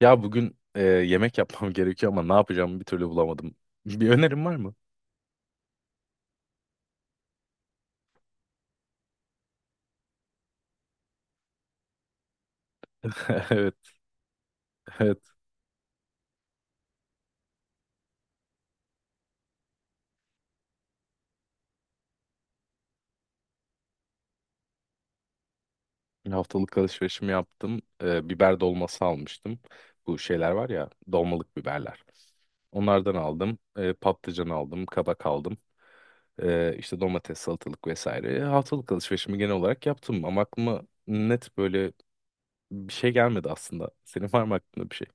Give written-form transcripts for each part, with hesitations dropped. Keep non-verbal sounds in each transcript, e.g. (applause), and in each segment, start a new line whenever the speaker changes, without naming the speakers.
Ya bugün yemek yapmam (laughs) gerekiyor ama ne yapacağımı bir türlü bulamadım. Bir önerim var mı? (laughs) Evet, evet. Haftalık alışverişimi yaptım. Biber dolması almıştım. Bu şeyler var ya, dolmalık biberler. Onlardan aldım. Patlıcan aldım, kabak aldım. İşte domates, salatalık vesaire. Haftalık alışverişimi genel olarak yaptım ama aklıma net böyle bir şey gelmedi aslında. Senin var mı aklında bir şey?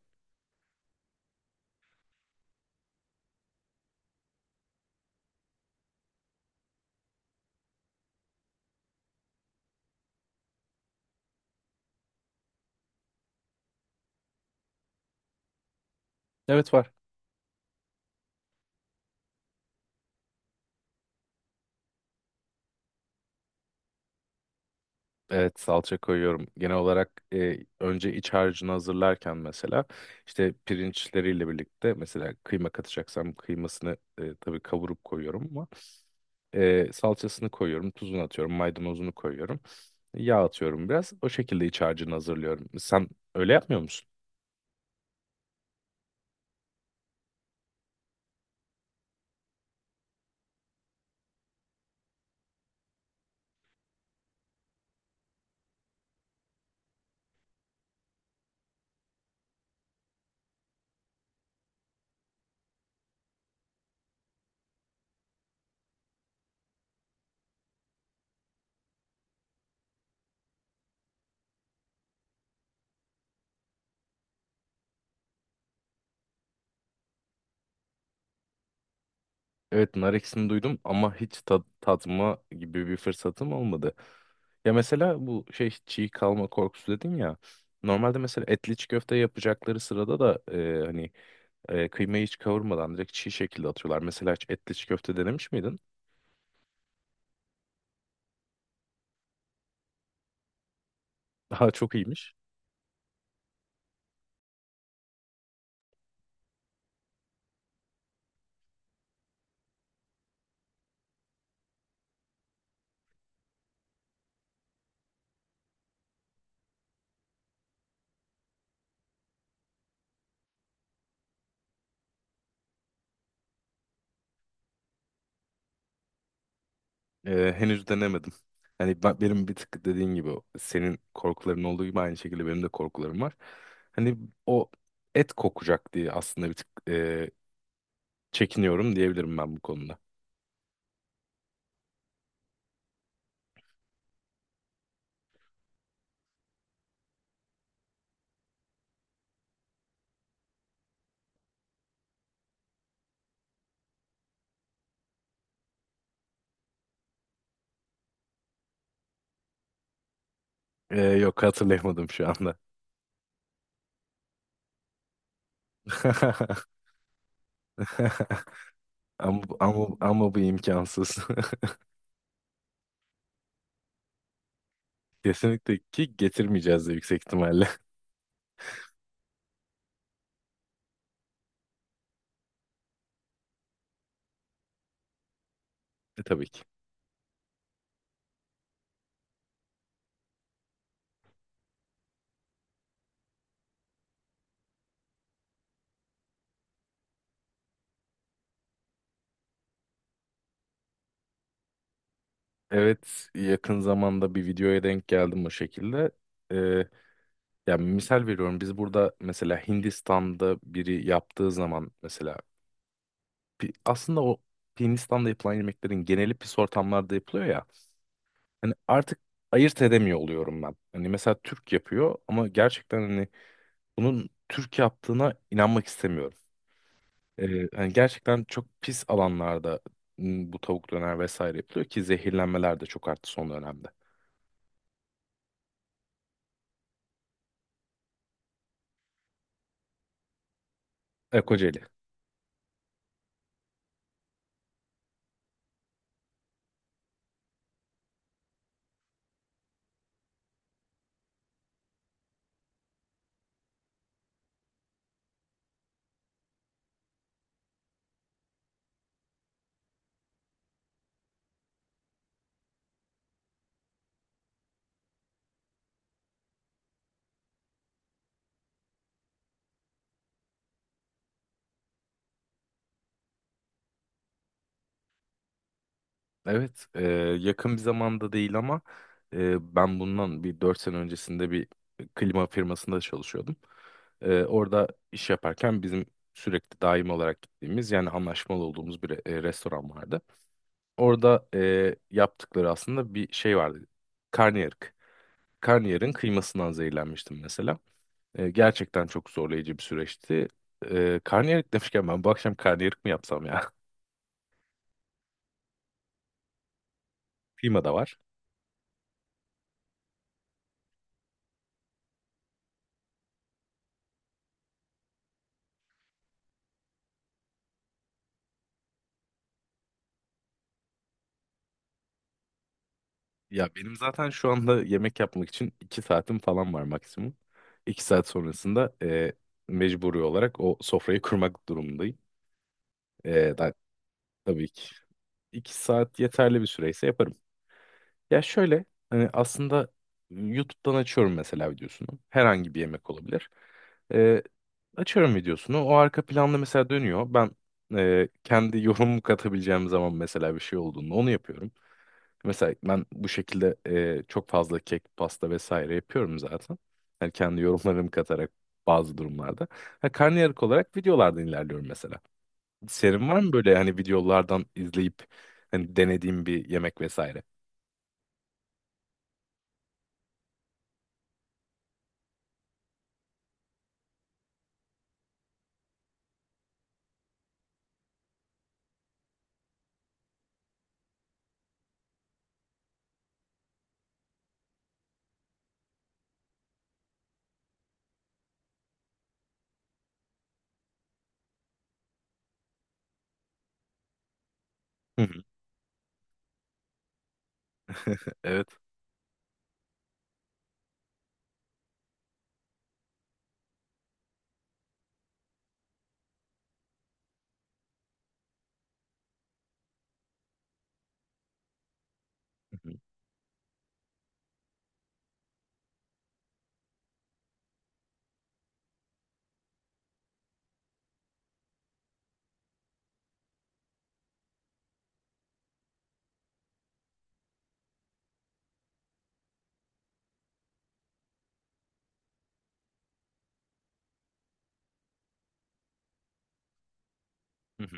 Evet var. Evet, salça koyuyorum. Genel olarak önce iç harcını hazırlarken mesela işte pirinçleriyle birlikte mesela kıyma katacaksam kıymasını tabii kavurup koyuyorum ama salçasını koyuyorum, tuzunu atıyorum, maydanozunu koyuyorum. Yağ atıyorum biraz. O şekilde iç harcını hazırlıyorum. Sen öyle yapmıyor musun? Evet, nar ekşisini duydum ama hiç tad tatma gibi bir fırsatım olmadı. Ya mesela bu şey çiğ kalma korkusu dedin ya. Normalde mesela etli çiğ köfte yapacakları sırada da hani kıymayı hiç kavurmadan direkt çiğ şekilde atıyorlar. Mesela hiç etli çiğ köfte denemiş miydin? (laughs) Daha çok iyiymiş. Henüz denemedim. Hani benim bir tık dediğin gibi senin korkuların olduğu gibi aynı şekilde benim de korkularım var. Hani o et kokacak diye aslında bir tık çekiniyorum diyebilirim ben bu konuda. Yok, hatırlayamadım şu anda. (laughs) Ama bu imkansız. (laughs) Kesinlikle ki getirmeyeceğiz de yüksek ihtimalle. Tabii ki. Evet, yakın zamanda bir videoya denk geldim o şekilde. Ee, Yani misal veriyorum biz burada mesela Hindistan'da biri yaptığı zaman mesela aslında o Hindistan'da yapılan yemeklerin geneli pis ortamlarda yapılıyor ya. Hani artık ayırt edemiyor oluyorum ben. Hani mesela Türk yapıyor ama gerçekten hani bunun Türk yaptığına inanmak istemiyorum. Hani gerçekten çok pis alanlarda bu tavuk döner vesaire yapılıyor ki zehirlenmeler de çok arttı son dönemde. Kocaeli. Evet, yakın bir zamanda değil ama ben bundan bir 4 sene öncesinde bir klima firmasında çalışıyordum. Orada iş yaparken bizim sürekli daim olarak gittiğimiz yani anlaşmalı olduğumuz bir restoran vardı. Orada yaptıkları aslında bir şey vardı. Karnıyarık. Karnıyarığın kıymasından zehirlenmiştim mesela. Gerçekten çok zorlayıcı bir süreçti. Karnıyarık demişken ben bu akşam karnıyarık mı yapsam ya? (laughs) Kıyma da var. Ya benim zaten şu anda yemek yapmak için iki saatim falan var maksimum. İki saat sonrasında mecburi olarak o sofrayı (laughs) kurmak durumundayım. E, da, tabii ki iki saat yeterli bir süreyse yaparım. Ya şöyle, hani aslında YouTube'dan açıyorum mesela videosunu. Herhangi bir yemek olabilir. E, açıyorum videosunu. O arka planda mesela dönüyor. Ben kendi (laughs) yorumumu katabileceğim zaman mesela bir şey olduğunda onu yapıyorum. Mesela ben bu şekilde çok fazla kek, pasta vesaire yapıyorum zaten. Yani kendi yorumlarımı katarak bazı durumlarda. Ha, karnıyarık olarak videolardan ilerliyorum mesela. Senin var mı böyle hani videolardan izleyip hani denediğim bir yemek vesaire? Hı hı. (laughs) Evet. Hı hı. Hı hı.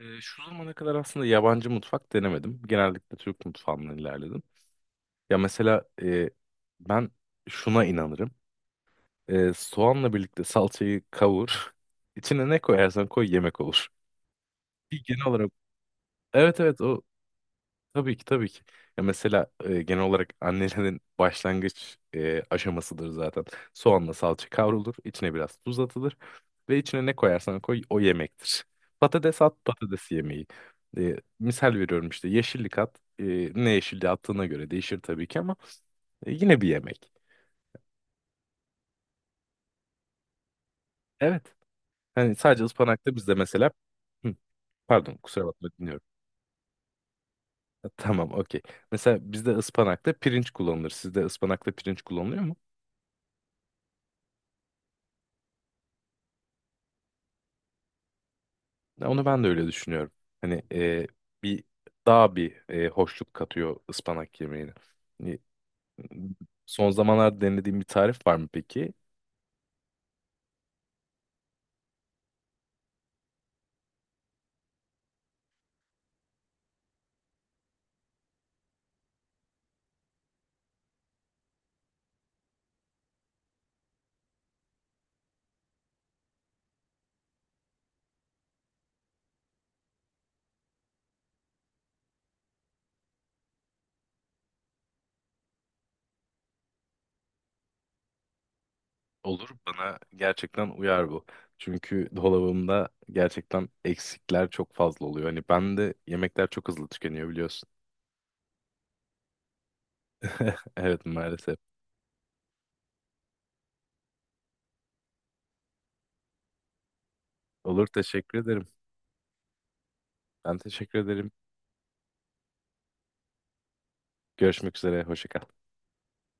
Şu zamana kadar aslında yabancı mutfak denemedim. Genellikle Türk mutfağından ilerledim. Ya mesela ben şuna inanırım. Soğanla birlikte salçayı kavur. (laughs) İçine ne koyarsan koy yemek olur. Bir genel olarak, evet evet, o tabii ki tabii ki. Ya mesela genel olarak annelerin (laughs) başlangıç aşamasıdır zaten. Soğanla salça kavrulur, içine biraz tuz atılır ve içine ne koyarsan koy o yemektir. Patates at, patates yemeği. Misal veriyorum işte yeşillik at. Ne yeşilliği attığına göre değişir tabii ki ama yine bir yemek. Evet. Hani sadece ıspanakta bizde mesela Hı. Pardon, kusura bakma, dinliyorum. Ha, tamam, okey. Mesela bizde ıspanakta pirinç kullanılır. Sizde ıspanakta pirinç kullanılıyor mu? Ya onu ben de öyle düşünüyorum. Hani bir daha bir hoşluk katıyor ıspanak yemeğine. Hani, son zamanlarda denediğim bir tarif var mı peki? Olur, bana gerçekten uyar bu. Çünkü dolabımda gerçekten eksikler çok fazla oluyor. Hani ben de yemekler çok hızlı tükeniyor biliyorsun. (laughs) Evet, maalesef. Olur, teşekkür ederim. Ben teşekkür ederim. Görüşmek üzere. Hoşça kal.